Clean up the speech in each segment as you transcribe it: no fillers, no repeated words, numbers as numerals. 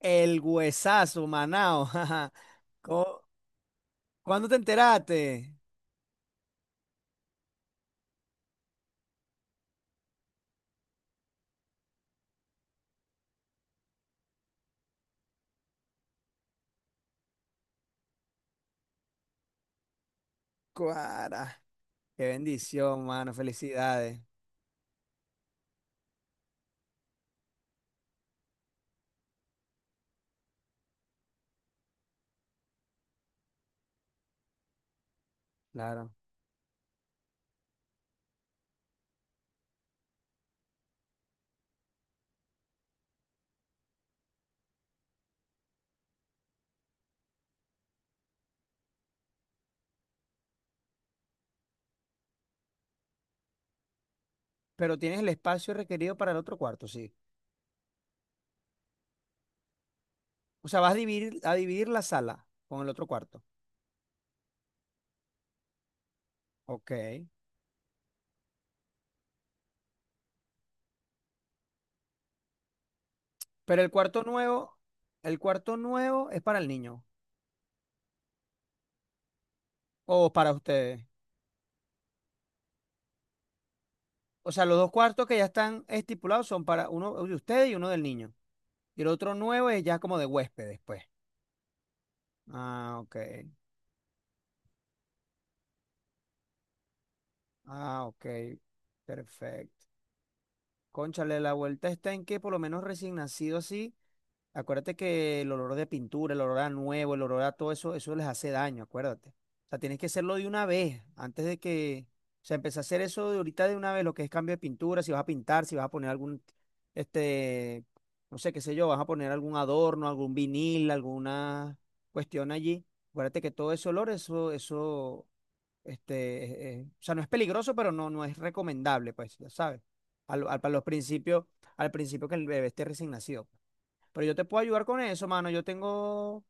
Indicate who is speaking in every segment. Speaker 1: El huesazo, Manao. jaja. ¿Cómo- ¿Cuándo te enteraste? Cuara. Qué bendición, mano. Felicidades. Claro. Pero tienes el espacio requerido para el otro cuarto, sí. O sea, vas a dividir la sala con el otro cuarto. Ok. Pero el cuarto nuevo es para el niño o para ustedes. O sea, los dos cuartos que ya están estipulados son para uno de ustedes y uno del niño. Y el otro nuevo es ya como de huéspedes, pues. Ah, ok. Ah, ok. Perfecto. Cónchale, la vuelta está en que por lo menos recién nacido así, acuérdate que el olor de pintura, el olor a nuevo, el olor a todo eso, eso les hace daño, acuérdate. O sea, tienes que hacerlo de una vez, antes de que, o sea, empecé a hacer eso de ahorita de una vez, lo que es cambio de pintura, si vas a pintar, si vas a poner algún, este, no sé, qué sé yo, vas a poner algún adorno, algún vinil, alguna cuestión allí. Acuérdate que todo ese olor, eso, eso. Este, o sea, no es peligroso, pero no, no es recomendable, pues, ya sabes. Para los principios, al principio que el bebé esté recién nacido. Pero yo te puedo ayudar con eso, mano. Yo tengo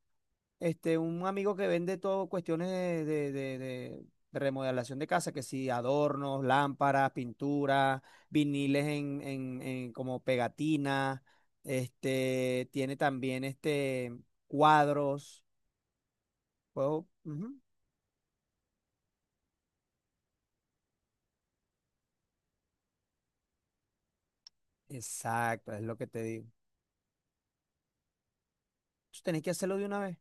Speaker 1: un amigo que vende todo cuestiones de remodelación de casa, que si adornos, lámparas, pinturas, viniles en como pegatinas, tiene también cuadros. Ujú. Exacto, es lo que te digo. Tú tenés que hacerlo de una vez.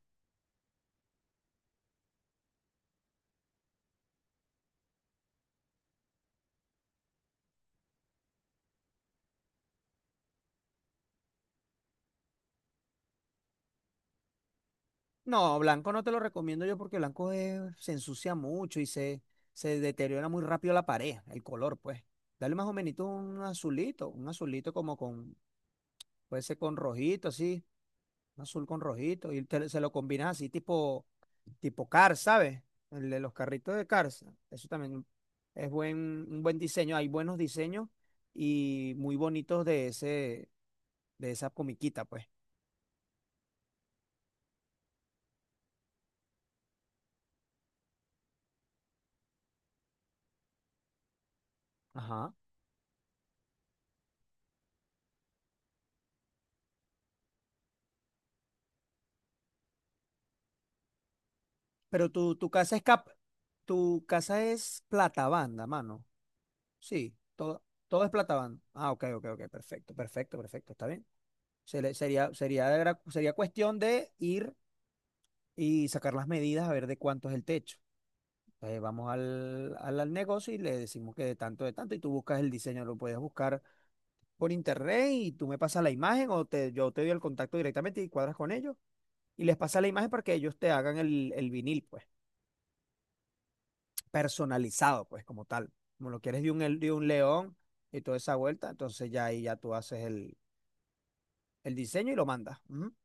Speaker 1: No, blanco no te lo recomiendo yo porque se ensucia mucho y se deteriora muy rápido la pared, el color, pues. Dale más o menos un azulito como con, puede ser con rojito, así, un azul con rojito, y se lo combinas así tipo, Cars, ¿sabes? El de los carritos de Cars. Eso también es buen, un buen diseño, hay buenos diseños y muy bonitos de ese, de esa comiquita, pues. Ajá. Pero tu casa es plata banda, mano. Sí, todo es plata banda. Ah, ok, ok, ok, perfecto, perfecto, perfecto, está bien. Se le- sería, sería, de gra- sería cuestión de ir y sacar las medidas a ver de cuánto es el techo. Vamos al negocio y le decimos que de tanto, y tú buscas el diseño, lo puedes buscar por internet y tú me pasas la imagen o yo te doy el contacto directamente y cuadras con ellos y les pasas la imagen para que ellos te hagan el vinil, pues. Personalizado, pues como tal. Como lo quieres de un león y toda esa vuelta, entonces ya ahí ya tú haces el diseño y lo mandas. Ujú.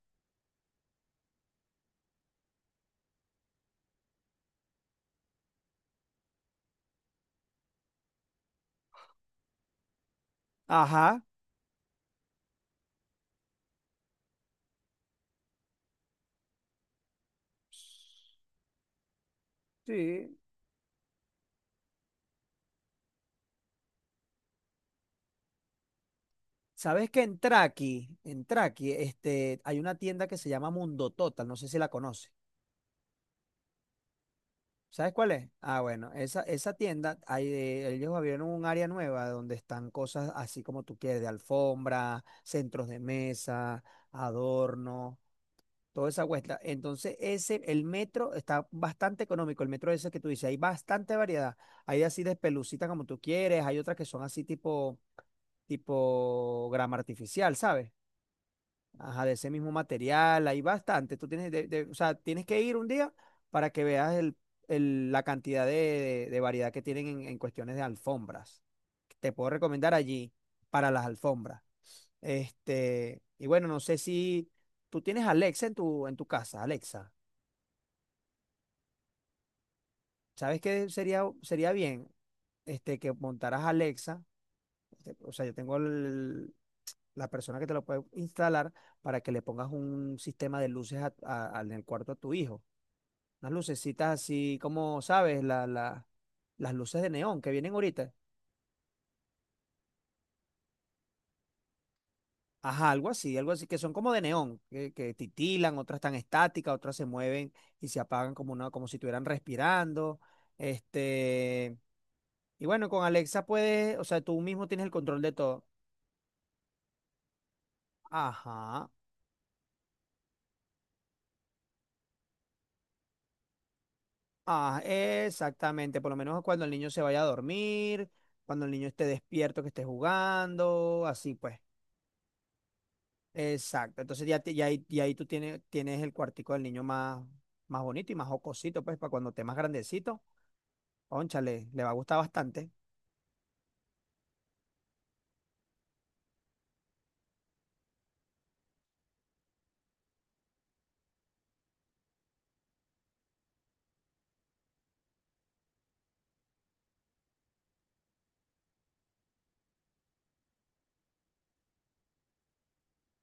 Speaker 1: Ajá, sí. ¿Sabes que en Traki, hay una tienda que se llama Mundo Total, no sé si la conoces. ¿Sabes cuál es? Ah, bueno, esa tienda, ellos abrieron un área nueva donde están cosas así como tú quieres, de alfombra, centros de mesa, adornos toda esa cuesta. Entonces, el metro está bastante económico, el metro ese que tú dices, hay bastante variedad. Hay así de pelucita como tú quieres, hay otras que son así tipo grama artificial, ¿sabes? Ajá, de ese mismo material, hay bastante. Tú tienes, o sea, tienes que ir un día para que veas la cantidad de variedad que tienen en cuestiones de alfombras. Te puedo recomendar allí para las alfombras. Y bueno, no sé si tú tienes Alexa en tu casa, Alexa. ¿Sabes qué sería bien? Que montaras Alexa. O sea, yo tengo la persona que te lo puede instalar para que le pongas un sistema de luces en el cuarto a tu hijo. Unas lucecitas así como, ¿sabes? Las luces de neón que vienen ahorita. Ajá, algo así, que son como de neón, que titilan, otras están estáticas, otras se mueven y se apagan como una, como si estuvieran respirando. Este, y bueno, con Alexa puedes, o sea, tú mismo tienes el control de todo. Ajá, ah, exactamente, por lo menos cuando el niño se vaya a dormir, cuando el niño esté despierto, que esté jugando, así pues. Exacto, entonces ya ahí tú tienes el cuartico del niño más bonito y más jocosito, pues, para cuando esté más grandecito. Cónchale, le va a gustar bastante.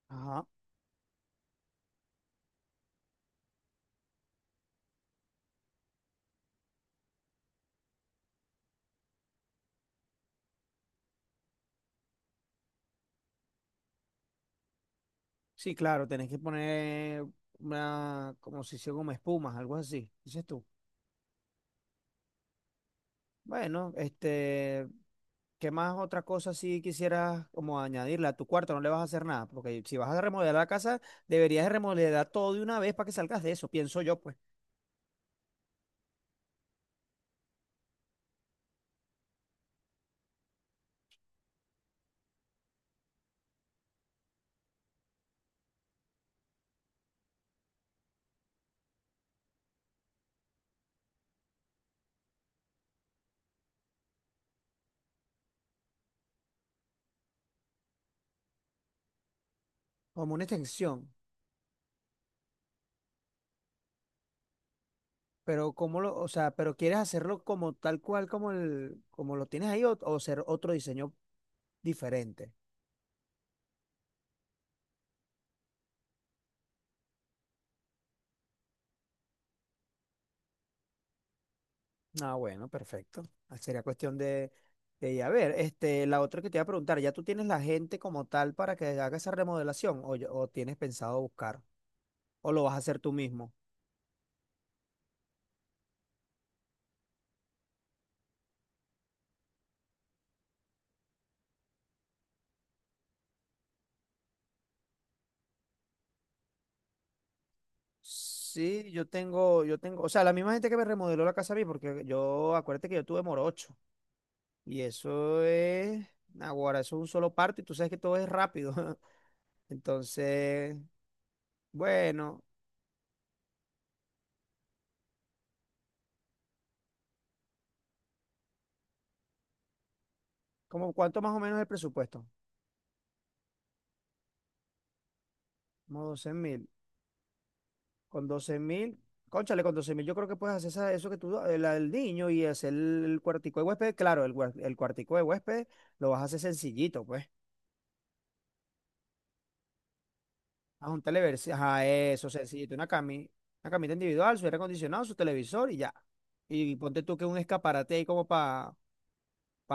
Speaker 1: Ajá. Sí, claro, tenés que poner una, como si hiciera como espumas, algo así, dices tú. Bueno, ¿qué más otra cosa si quisieras como añadirle a tu cuarto? No le vas a hacer nada, porque si vas a remodelar la casa, deberías de remodelar todo de una vez para que salgas de eso, pienso yo, pues, como una extensión. Pero o sea, pero quieres hacerlo como tal cual como lo tienes ahí o ser otro diseño diferente. Ah, bueno, perfecto. Ah, sería cuestión de ir a ver. La otra que te iba a preguntar, ¿ya tú tienes la gente como tal para que haga esa remodelación o tienes pensado buscar o lo vas a hacer tú mismo? Sí, yo tengo, o sea, la misma gente que me remodeló la casa a mí, porque acuérdate que yo tuve morocho y ahora eso es un solo parto y tú sabes que todo es rápido. Entonces, bueno, ¿como cuánto más o menos el presupuesto? Como 12 mil. Con 12 mil, cónchale, con 12 mil, yo creo que puedes hacer eso que tú, el niño y hacer cuartico de huésped. Claro, el cuartico de huésped lo vas a hacer sencillito, pues. A un televisor, ajá, eso, sencillito, una camita individual, su aire acondicionado, su televisor y ya. Y ponte tú que un escaparate ahí como para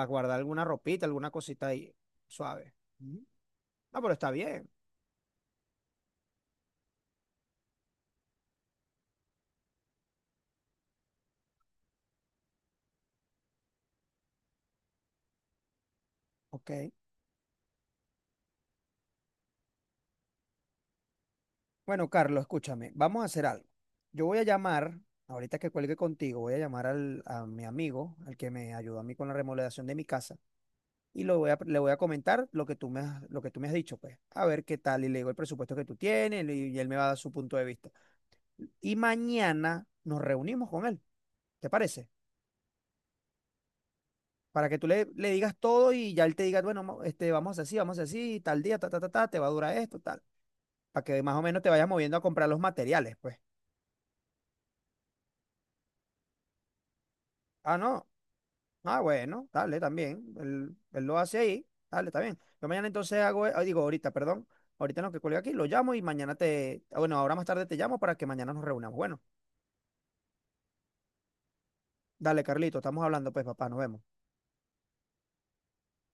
Speaker 1: guardar alguna ropita, alguna cosita ahí, suave. Ujú. No, pero está bien. Ok. Bueno, Carlos, escúchame, vamos a hacer algo. Yo voy a llamar, ahorita que cuelgue contigo, voy a llamar a mi amigo, al que me ayudó a mí con la remodelación de mi casa, y le voy a comentar lo que tú me has, lo que tú me has dicho, pues, a ver qué tal, y le digo el presupuesto que tú tienes, y, él me va a dar su punto de vista. Y mañana nos reunimos con él, ¿te parece? Para que tú le digas todo y ya él te diga, bueno, vamos a hacer así, vamos a hacer así, tal día, ta, ta, ta, ta, te va a durar esto, tal, para que más o menos te vayas moviendo a comprar los materiales, pues. Ah, no. Ah, bueno, dale, también. Él lo hace ahí. Dale, está bien. Yo mañana entonces hago, ah, digo, ahorita, perdón. Ahorita no que cuelgue aquí, lo llamo y mañana te, ah, bueno, ahora más tarde te llamo para que mañana nos reunamos. Bueno, dale, Carlito, estamos hablando, pues, papá, nos vemos.